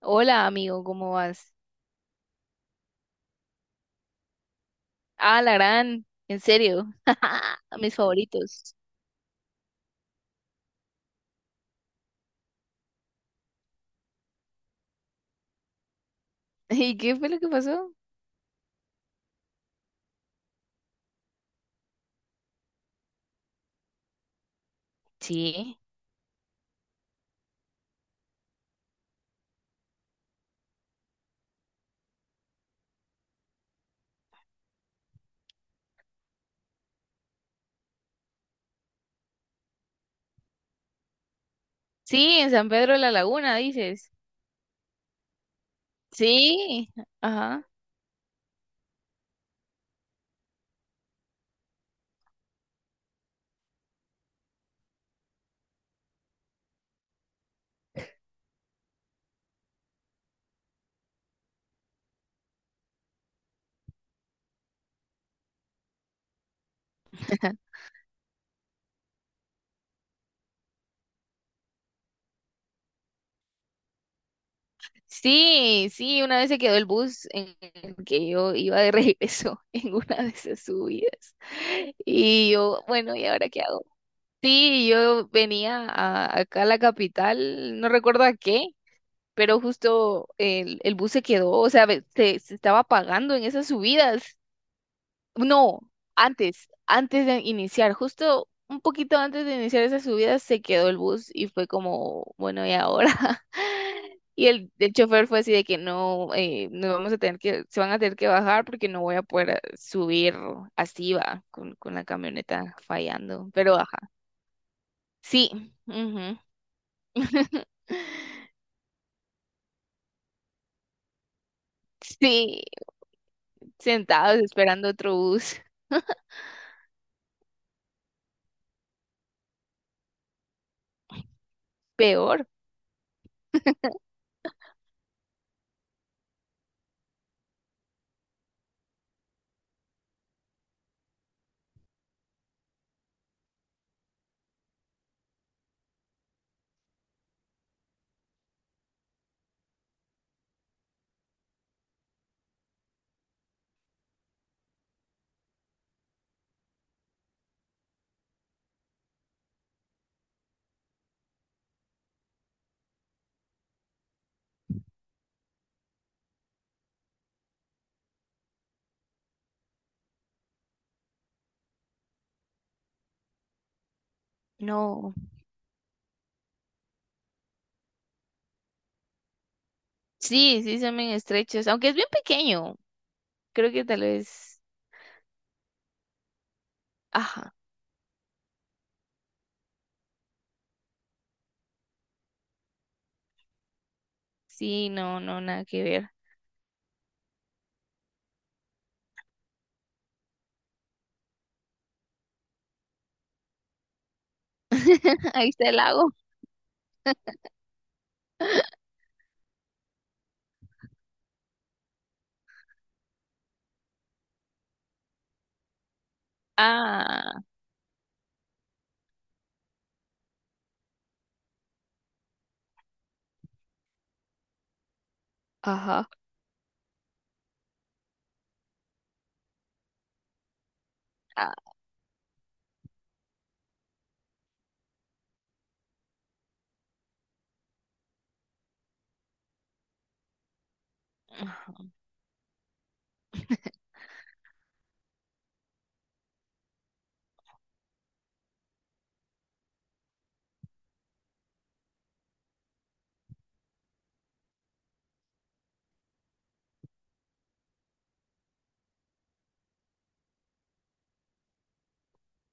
Hola, amigo, ¿cómo vas? Ah, la gran, en serio. Mis favoritos. ¿Y qué fue lo que pasó? Sí. Sí, en San Pedro de la Laguna, dices. Sí, ajá. Sí, sí, una vez se quedó el bus en el que yo iba de regreso en una de esas subidas. Y yo, bueno, ¿y ahora qué hago? Sí, yo venía acá a la capital, no recuerdo a qué, pero justo el bus se quedó, o sea, se estaba apagando en esas subidas. No, antes de iniciar, justo un poquito antes de iniciar esas subidas se quedó el bus y fue como, bueno, ¿y ahora? Y el chofer fue así de que no, nos vamos a tener que, se van a tener que bajar porque no voy a poder subir así va, con la camioneta fallando, pero baja. Sí, ujú. Sí, sentados esperando otro bus. Peor, no. Sí, sí, son bien estrechos, aunque es bien pequeño. Creo que tal vez. Ajá, sí, no, no, nada que ver. Ahí está el lago. Ah, ajá, ah.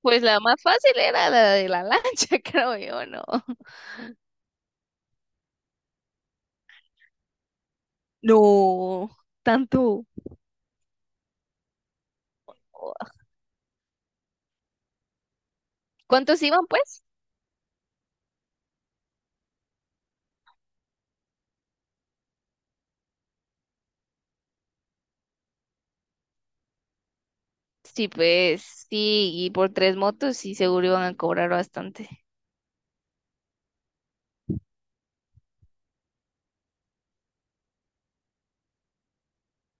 Pues la más fácil era la de la lancha, creo yo, ¿no? No, tanto. ¿Cuántos iban, pues? Sí, pues, sí, y por tres motos, sí, seguro iban a cobrar bastante.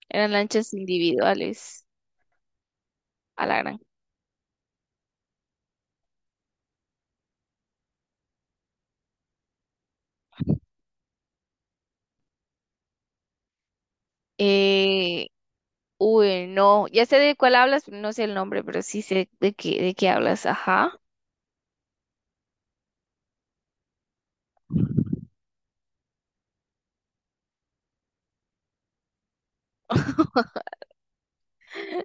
Eran lanchas individuales, a la gran. Eh, Uy, no, ya sé de cuál hablas, pero no sé el nombre, pero sí sé de qué hablas, ajá.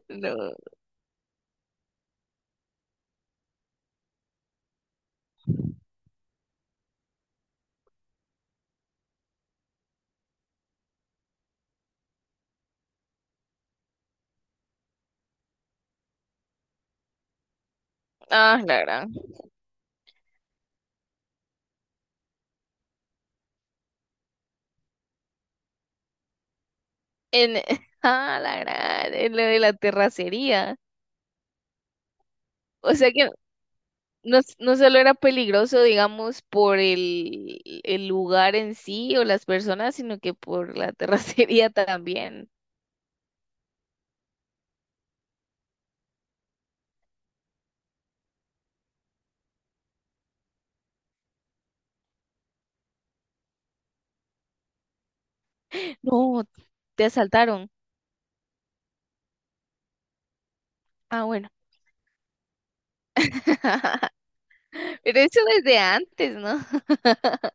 No. Ah, la gran. En, ah, la gran, en lo de la terracería. O sea que no, no solo era peligroso, digamos, por el lugar en sí o las personas, sino que por la terracería también. No, te asaltaron. Ah, bueno. Pero eso desde antes, ¿no?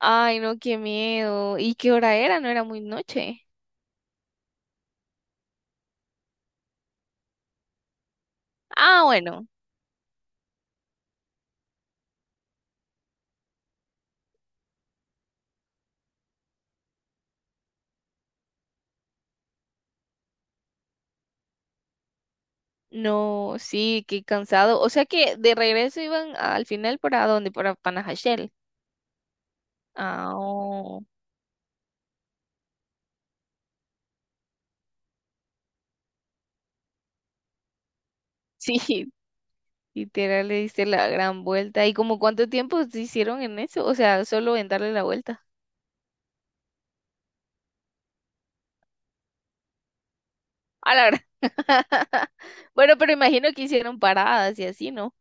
Ay, no, qué miedo. ¿Y qué hora era? No era muy noche. Ah, bueno. No, sí, qué cansado. O sea que de regreso iban al final para dónde, para Panajachel. Ah, oh, sí, literal le diste la gran vuelta. ¿Y como cuánto tiempo se hicieron en eso? O sea, solo en darle la vuelta. A la gran. Bueno, pero imagino que hicieron paradas y así, ¿no?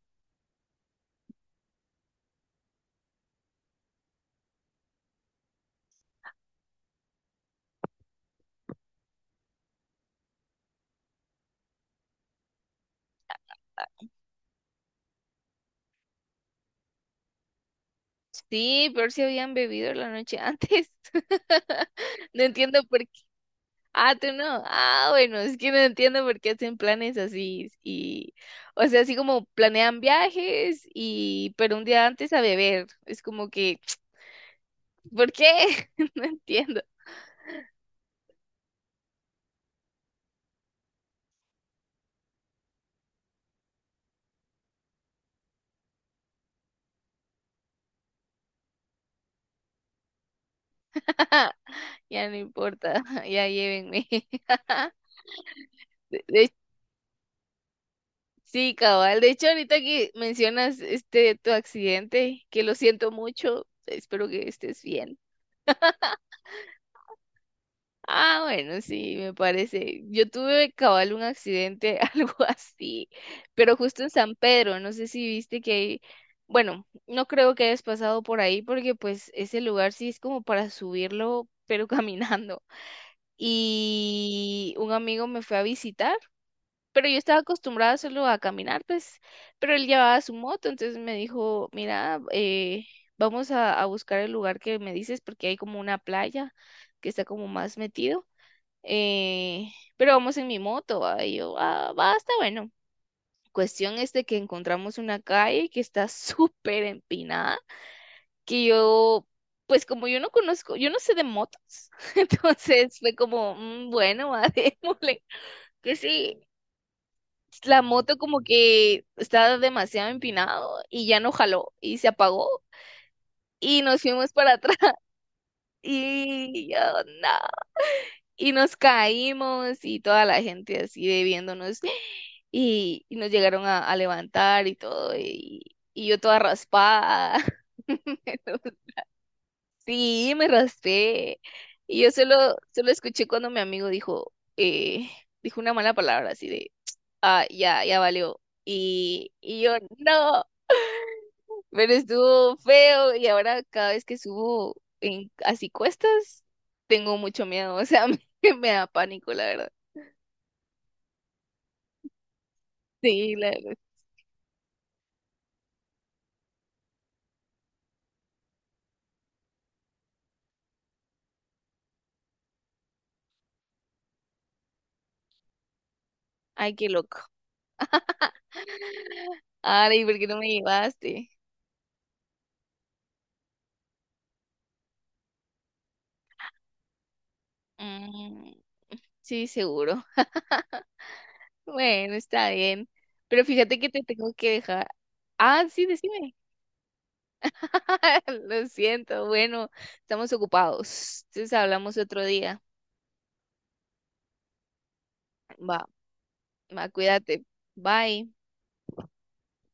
Sí, pero si habían bebido la noche antes. No entiendo por. Ah, tú no. Ah, bueno, es que no entiendo por qué hacen planes así y, o sea, así como planean viajes y, pero un día antes a beber. Es como que, ¿por qué? No entiendo. Ya no importa, ya llévenme. De- de- sí, cabal. De hecho, ahorita que mencionas este tu accidente, que lo siento mucho, espero que estés bien. Ah, bueno, sí, me parece. Yo tuve cabal un accidente, algo así, pero justo en San Pedro, no sé si viste que hay, bueno, no creo que hayas pasado por ahí porque pues ese lugar sí es como para subirlo, pero caminando. Y un amigo me fue a visitar, pero yo estaba acostumbrada solo a caminar, pues, pero él llevaba su moto, entonces me dijo, mira, vamos a buscar el lugar que me dices porque hay como una playa que está como más metido pero vamos en mi moto, ¿va? Y yo, ah, va, está bueno. Cuestión es de que encontramos una calle que está súper empinada, que yo, pues como yo no conozco, yo no sé de motos, entonces fue como, "Mm, bueno, va, démosle". Que sí, la moto como que estaba demasiado empinado y ya no jaló y se apagó y nos fuimos para atrás y yo, no, y nos caímos y toda la gente así de viéndonos y nos llegaron a levantar y todo y yo toda raspada. Sí, me raspé y yo solo, solo escuché cuando mi amigo dijo, dijo una mala palabra así de, ah, ya, ya valió. Y yo, no, pero estuvo feo y ahora cada vez que subo en así cuestas, tengo mucho miedo, o sea, me da pánico, la verdad. Sí, la-. Ay, qué loco. Ahora, ¿y por qué no me llevaste? Mm, sí, seguro. Bueno, está bien. Pero fíjate que te tengo que dejar. Ah, sí, decime. Lo siento. Bueno, estamos ocupados. Entonces hablamos otro día. Va, va, cuídate. Bye.